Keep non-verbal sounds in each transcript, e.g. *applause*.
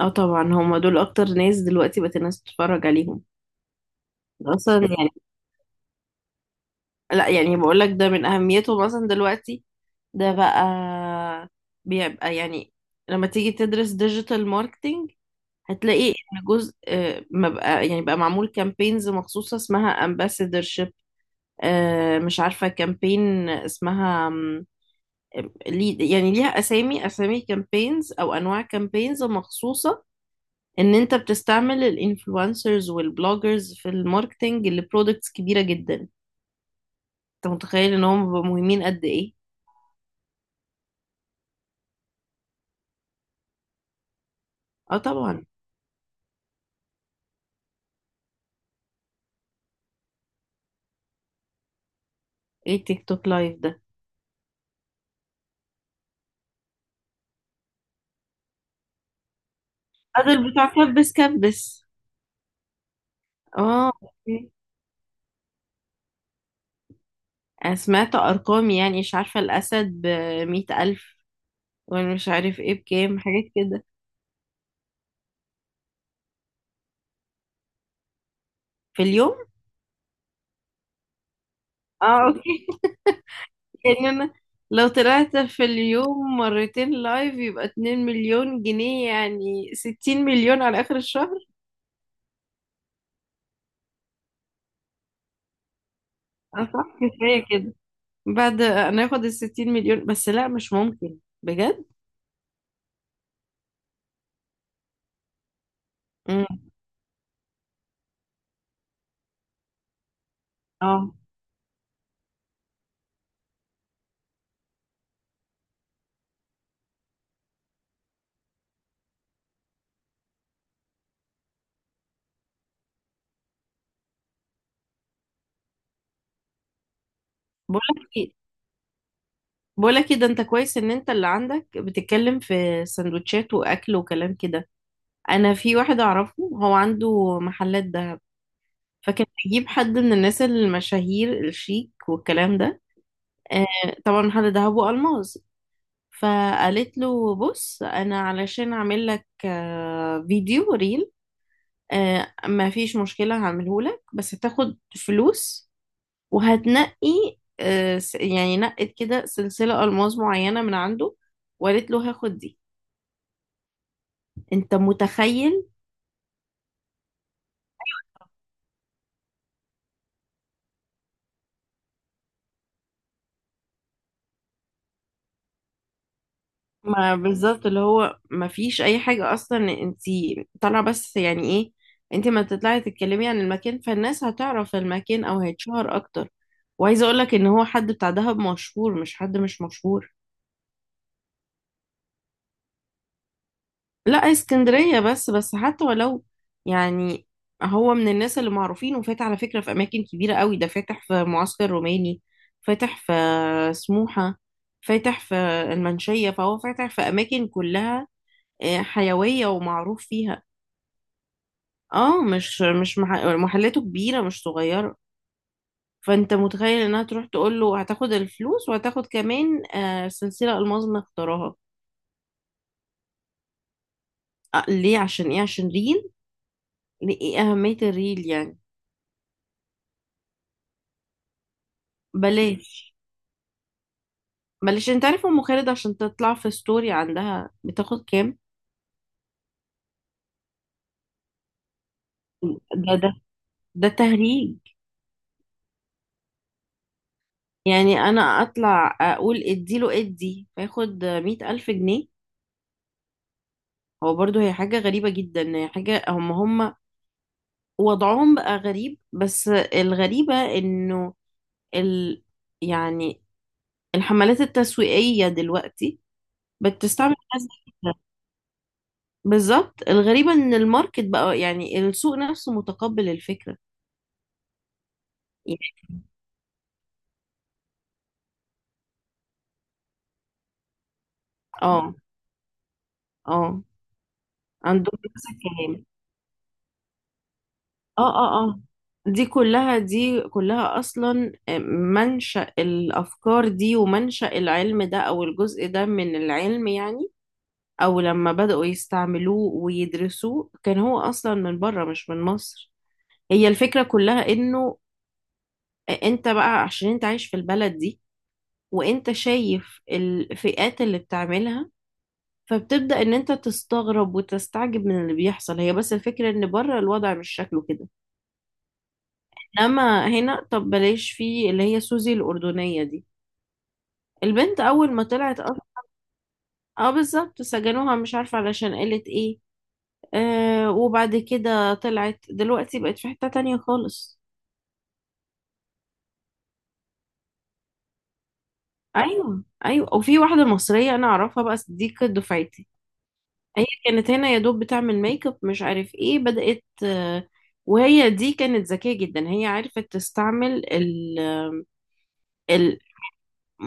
اه، طبعا هما دول اكتر ناس دلوقتي بقت الناس تتفرج عليهم اصلا يعني. لا، يعني بقول لك ده من اهميته مثلا دلوقتي. ده بقى بيبقى يعني لما تيجي تدرس ديجيتال ماركتينج هتلاقي ان جزء ما بقى يعني بقى معمول كامبينز مخصوصة اسمها ambassadorship. مش عارفة كامبين اسمها يعني ليها اسامي اسامي كامبينز او انواع كامبينز مخصوصة، ان انت بتستعمل الانفلونسرز والبلوجرز في الماركتنج لبرودكتس كبيرة جدا. انت متخيل ان هم بيبقوا مهمين قد ايه؟ اه طبعا. ايه تيك توك لايف ده؟ قادر بتاع كبس كبس. اه، أوكي. انا سمعت ارقام، يعني مش عارفة الاسد بمية الف، ومش عارف ايه بكام حاجات كده. في اليوم؟ اه، اوكي. *laughs* يعني انا لو طلعت في اليوم مرتين لايف يبقى 2 مليون جنيه، يعني 60 مليون على اخر الشهر. اه صح، كفاية كده. بعد ناخد 60 مليون، بس لا مش ممكن، بجد. امم اه، بقولك ايه، بقولك ايه، ده انت كويس ان انت اللي عندك بتتكلم في سندوتشات واكل وكلام كده. انا في واحد اعرفه هو عنده محلات دهب، فكان بيجيب حد من الناس المشاهير الشيك والكلام ده. آه طبعا، محل دهب والماس. فقالت له بص، انا علشان اعمل لك فيديو ريل، ما فيش مشكلة هعمله لك بس هتاخد فلوس وهتنقي يعني نقت كده سلسلة ألماس معينة من عنده، وقالت له هاخد دي. انت متخيل؟ ما بالظبط، اللي هو ما فيش اي حاجة اصلا، انت طالعة بس، يعني ايه؟ انت ما تطلعي تتكلمي عن المكان، فالناس هتعرف المكان او هيتشهر اكتر. وعايزة اقولك ان هو حد بتاع دهب مشهور، مش حد مش مشهور. لا، اسكندرية بس. بس حتى ولو، يعني هو من الناس اللي معروفين، وفات على فكرة في أماكن كبيرة قوي. ده فاتح في معسكر روماني، فاتح في سموحة، فاتح في المنشية، فهو فاتح في أماكن كلها حيوية ومعروف فيها. اه، مش مش مح- محلاته كبيرة مش صغيرة. فأنت متخيل إنها تروح تقول له هتاخد الفلوس وهتاخد كمان سلسلة ألماظ مختارها. ليه؟ عشان إيه؟ عشان ريل. لإيه أهمية الريل يعني. بلاش، معلش. انت عارف ام خالد عشان تطلع في ستوري عندها بتاخد كام؟ ده ده ده تهريج. يعني انا اطلع اقول اديله ادي فياخد 100 الف جنيه؟ هو برضه هي حاجة غريبة جدا. هي حاجة، هم وضعهم بقى غريب، بس الغريبة انه ال يعني الحملات التسويقية دلوقتي بتستعمل ناس زي كده. بالظبط، الغريبة ان الماركت بقى، يعني السوق نفسه، متقبل الفكرة. يعني اه، اه. عندهم نفس الكلام. اه، اه، اه. دي كلها، دي كلها اصلا منشأ الافكار دي ومنشأ العلم ده، او الجزء ده من العلم يعني. او لما بدأوا يستعملوه ويدرسوه كان هو اصلا من بره مش من مصر. هي الفكرة كلها انه، انت بقى عشان انت عايش في البلد دي، وانت شايف الفئات اللي بتعملها، فبتبدأ ان انت تستغرب وتستعجب من اللي بيحصل. هي بس الفكرة ان بره الوضع مش شكله كده. انما هنا، طب بلاش، في اللي هي سوزي الأردنية دي. البنت أول ما طلعت أصلا. اه بالظبط، سجنوها مش عارفة علشان قالت ايه. وبعد كده طلعت، دلوقتي بقت في حتة تانية خالص. أيوه، أيوه. وفي واحدة مصرية أنا أعرفها بقى، دي كانت دفعتي. هي كانت هنا يا دوب بتعمل ميك اب مش عارف ايه، بدأت وهي دي كانت ذكية جدا. هي عرفت تستعمل ال ال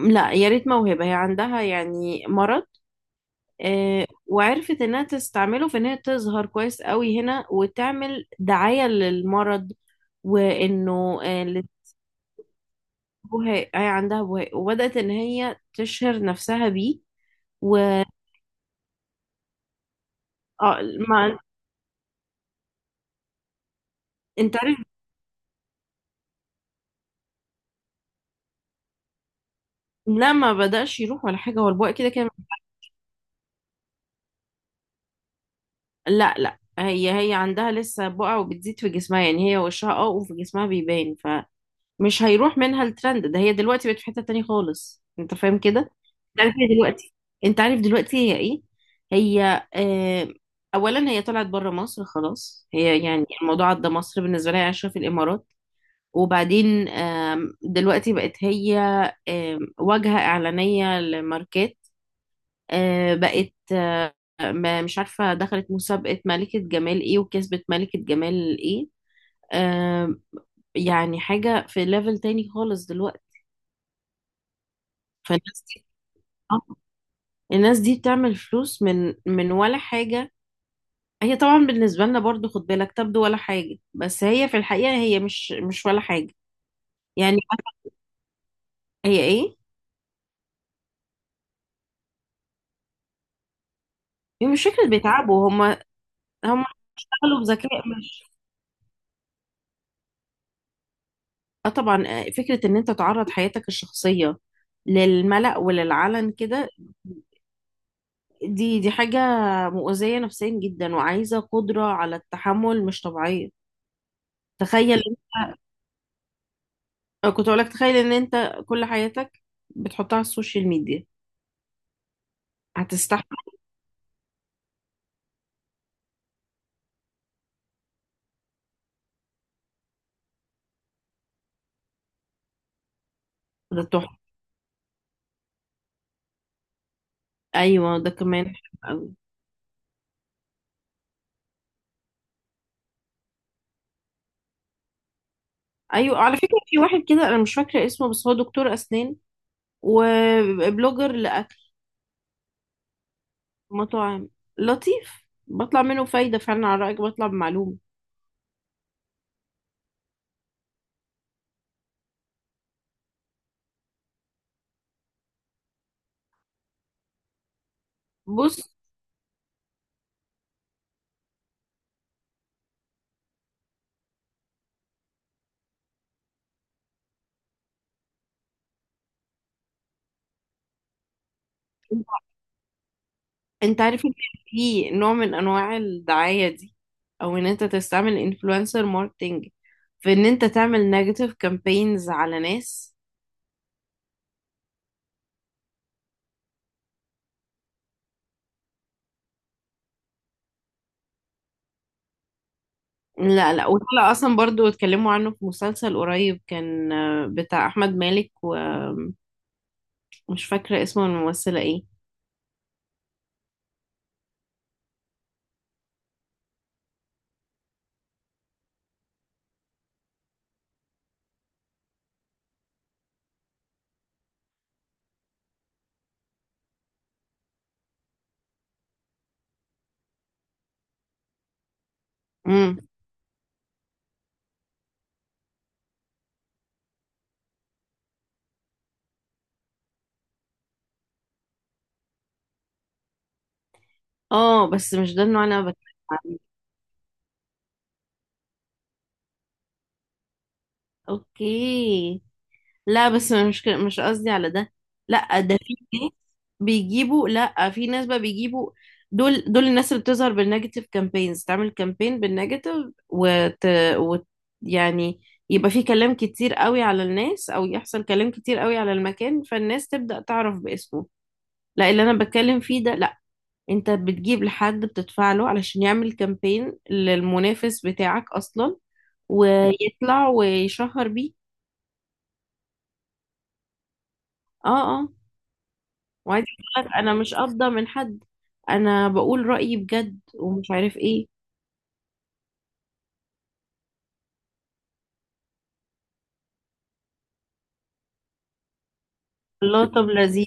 لا يا ريت موهبة. هي عندها يعني مرض، وعرفت انها تستعمله في ان هي تظهر كويس قوي هنا وتعمل دعاية للمرض. وانه البهاق. هي عندها بهاق وبدأت ان هي تشهر نفسها بيه. و آه، ما انت عارف. لا، ما بدأش يروح ولا حاجة، هو البقع كده كان. لا لا، هي عندها لسه بقع وبتزيد في جسمها، يعني هي وشها اه وفي جسمها بيبان. فمش هيروح منها الترند ده. هي دلوقتي بقت في حتة تانية خالص، انت فاهم كده؟ انت عارف هي دلوقتي؟ انت عارف دلوقتي هي ايه؟ هي اولا هي طلعت بره مصر خلاص. هي يعني الموضوع عدى مصر بالنسبه لها، هي عايشه في الامارات. وبعدين دلوقتي بقت هي واجهه اعلانيه لماركات. بقت مش عارفه دخلت مسابقه ملكه جمال ايه وكسبت ملكه جمال ايه. آم، يعني حاجه في ليفل تاني خالص دلوقتي. فالناس دي، آه، الناس دي بتعمل فلوس من ولا حاجه. هي طبعا بالنسبة لنا برضو، خد بالك، تبدو ولا حاجة، بس هي في الحقيقة هي مش ولا حاجة. يعني مثلا هي ايه؟ هي مش فكرة بيتعبوا هم. هم اشتغلوا بذكاء، مش اه طبعا فكرة ان انت تعرض حياتك الشخصية للملأ وللعلن كده. دي حاجة مؤذية نفسيا جدا، وعايزة قدرة على التحمل مش طبيعية. تخيل انت، كنت اقولك تخيل ان انت كل حياتك بتحطها على السوشيال ميديا، هتستحمل؟ ده تحفة. ايوه، ده كمان. ايوه، على فكره في واحد كده انا مش فاكره اسمه بس هو دكتور اسنان وبلوجر لاكل مطاعم. لطيف، بطلع منه فايده فعلا، على رايك بطلع بمعلومه. بص، انت عارف ان في نوع من انواع الدعايه دي، او ان انت تستعمل انفلونسر ماركتنج في ان انت تعمل نيجاتيف كامبينز على ناس. لا لا، وطلع اصلا برضو اتكلموا عنه في مسلسل قريب، كان بتاع احمد مالك، ومش فاكره اسمه الممثله ايه. مم. اه، بس مش ده النوع اللي انا بتكلم عليه. اوكي. لا بس مش مش قصدي على ده. لا، ده في ناس بيجيبوا، لا في ناس بقى بيجيبوا، دول الناس اللي بتظهر بالنيجاتيف كامبينز، تعمل كامبين بالنيجاتيف وت... وت يعني يبقى في كلام كتير قوي على الناس او يحصل كلام كتير قوي على المكان، فالناس تبدأ تعرف باسمه. لا، اللي انا بتكلم فيه ده لا، انت بتجيب لحد بتدفع له علشان يعمل كامبين للمنافس بتاعك اصلا، ويطلع ويشهر بيه. اه، اه. وعايزه اقول لك انا مش قابضه من حد، انا بقول رايي بجد ومش عارف ايه. الله، طب لذيذ.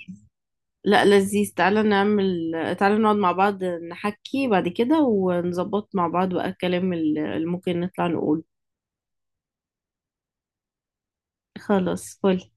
لا لذيذ، تعالى نعمل، تعالى نقعد مع بعض نحكي بعد كده ونظبط مع بعض بقى الكلام اللي ممكن نطلع نقول. خلاص، فل